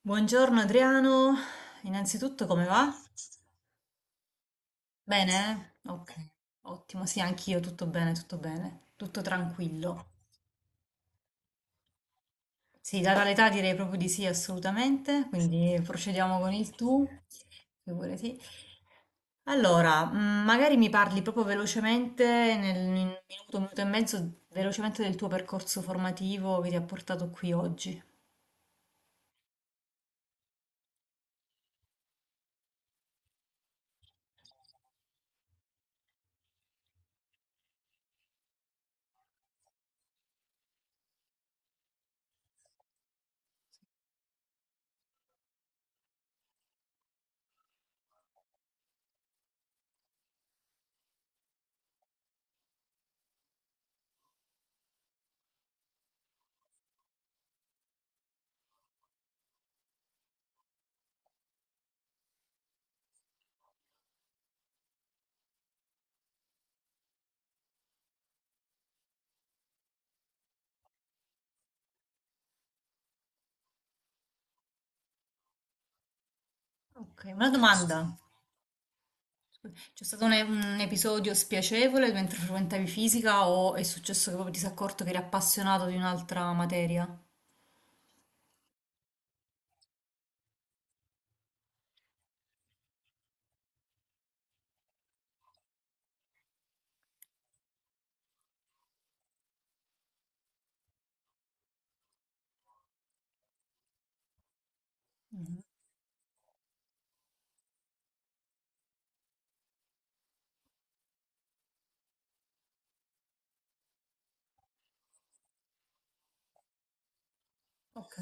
Buongiorno Adriano, innanzitutto come va? Bene? Eh? Ok, ottimo, sì, anch'io tutto bene, tutto bene, tutto tranquillo. Sì, data l'età direi proprio di sì, assolutamente, quindi procediamo con il tu, figurati. Allora, magari mi parli proprio velocemente, nel in un minuto e mezzo, velocemente del tuo percorso formativo che ti ha portato qui oggi. Ok, una domanda. C'è stato un episodio spiacevole mentre frequentavi fisica o è successo che proprio ti sei accorto che eri appassionato di un'altra materia? Mhm. Ok,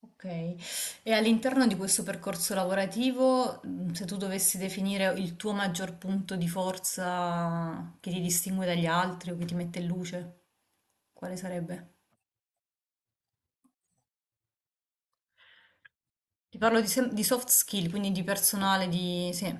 ok. E all'interno di questo percorso lavorativo, se tu dovessi definire il tuo maggior punto di forza che ti distingue dagli altri o che ti mette in luce, quale sarebbe? Ti parlo di, di soft skill, quindi di personale, di... Sì.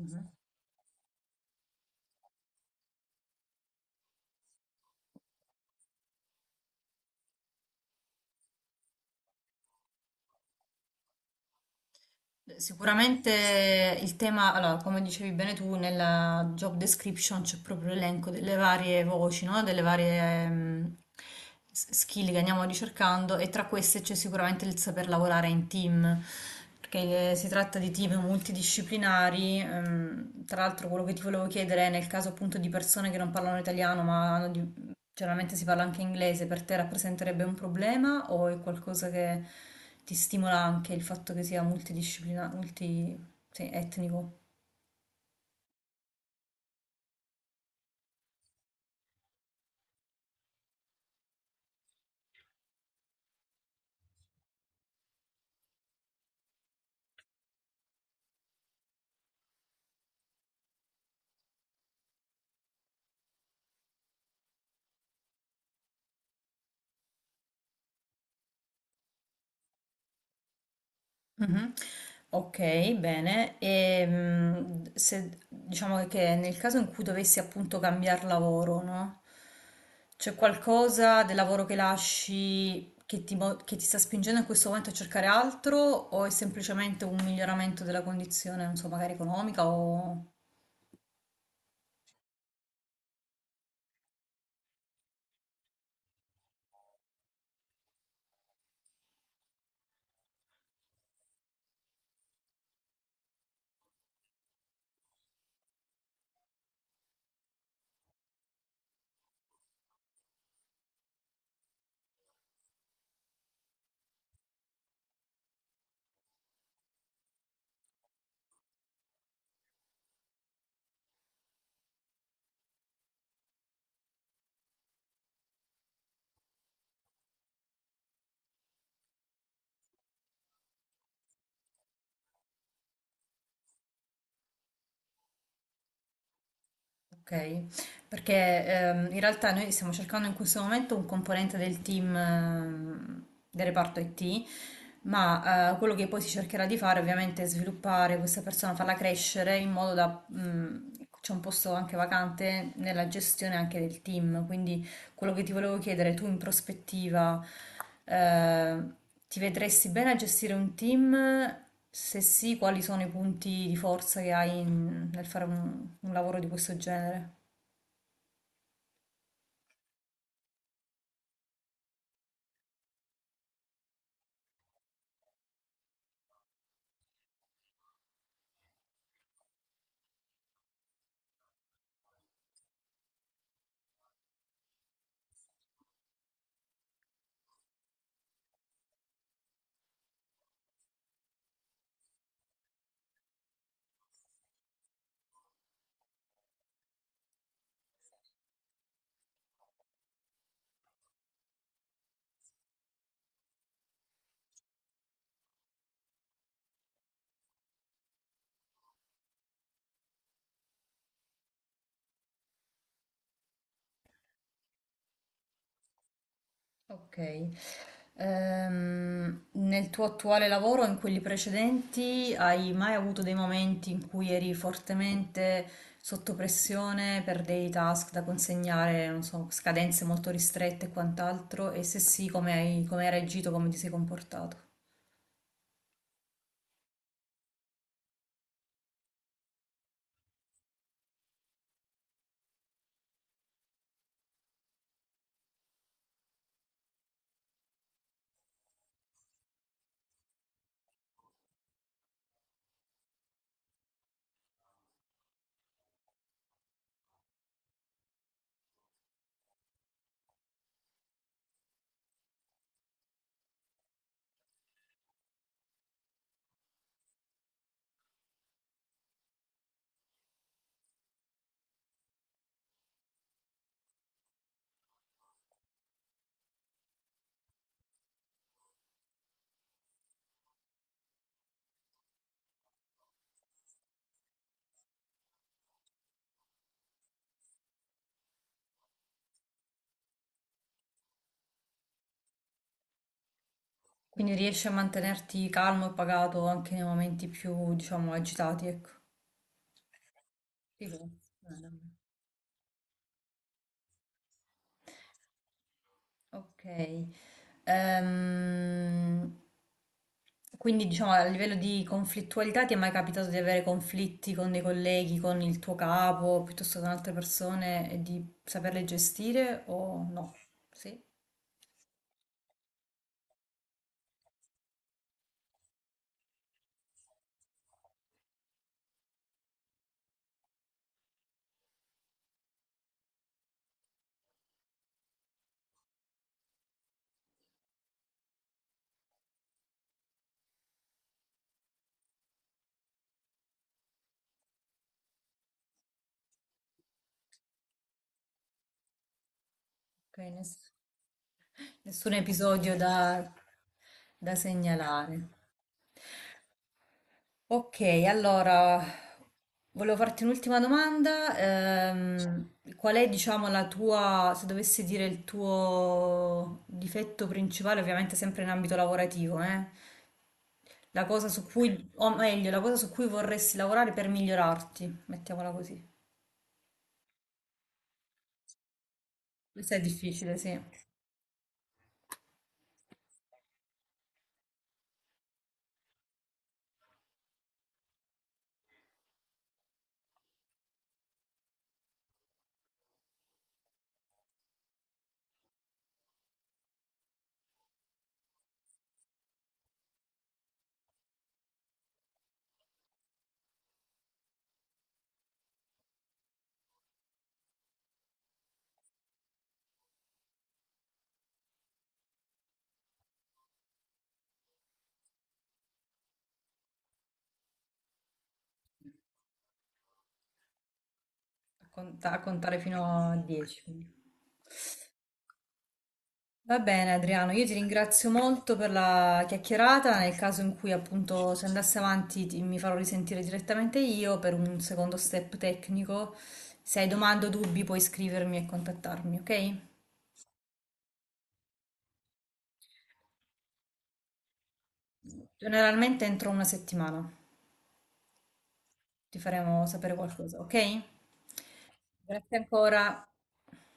Mm-hmm. Sicuramente il tema, allora, come dicevi bene tu, nella job description c'è proprio l'elenco delle varie voci, no? Delle varie ehm, skill che andiamo ricercando e tra queste c'è sicuramente il saper lavorare in team, perché si tratta di team multidisciplinari. Tra l'altro quello che ti volevo chiedere è nel caso appunto di persone che non parlano italiano ma hanno di... Generalmente si parla anche inglese, per te rappresenterebbe un problema o è qualcosa che ti stimola anche il fatto che sia multidisciplinare, multi, sì, etnico? Mhm. Ok, bene. E se diciamo che nel caso in cui dovessi appunto cambiare lavoro, no? C'è qualcosa del lavoro che lasci che che ti sta spingendo in questo momento a cercare altro o è semplicemente un miglioramento della condizione, non so, magari economica o... Ok, perché in realtà noi stiamo cercando in questo momento un componente del team del reparto IT, ma quello che poi si cercherà di fare ovviamente è sviluppare questa persona, farla crescere in modo da... c'è un posto anche vacante nella gestione anche del team, quindi quello che ti volevo chiedere, tu in prospettiva, eh, ti vedresti bene a gestire un team? Se sì, quali sono i punti di forza che hai nel fare un lavoro di questo genere? Ok. Nel tuo attuale lavoro, o in quelli precedenti, hai mai avuto dei momenti in cui eri fortemente sotto pressione per dei task da consegnare, non so, scadenze molto ristrette e quant'altro? E se sì, come hai reagito, come ti sei comportato? Quindi riesci a mantenerti calmo e pagato anche nei momenti più, diciamo, agitati, ecco. Sì, sì. Bene. Ok. Ehm, quindi diciamo a livello di conflittualità ti è mai capitato di avere conflitti con dei colleghi, con il tuo capo, piuttosto con altre persone e di saperle gestire o no? Sì? Ok, ness- nessun episodio da segnalare. Ok, allora volevo farti un'ultima domanda. Qual è, diciamo, la tua, se dovessi dire il tuo difetto principale, ovviamente sempre in ambito lavorativo, eh? La cosa su cui, o meglio, la cosa su cui vorresti lavorare per migliorarti, mettiamola così. Questo è difficile, sì, a a contare fino a 10. Quindi. Va bene Adriano, io ti ringrazio molto per la chiacchierata. Nel caso in cui appunto si andasse avanti mi farò risentire direttamente io per un secondo step tecnico. Se hai domande o dubbi puoi scrivermi e contattarmi, ok? Generalmente entro una settimana ti faremo sapere qualcosa, ok? Grazie ancora.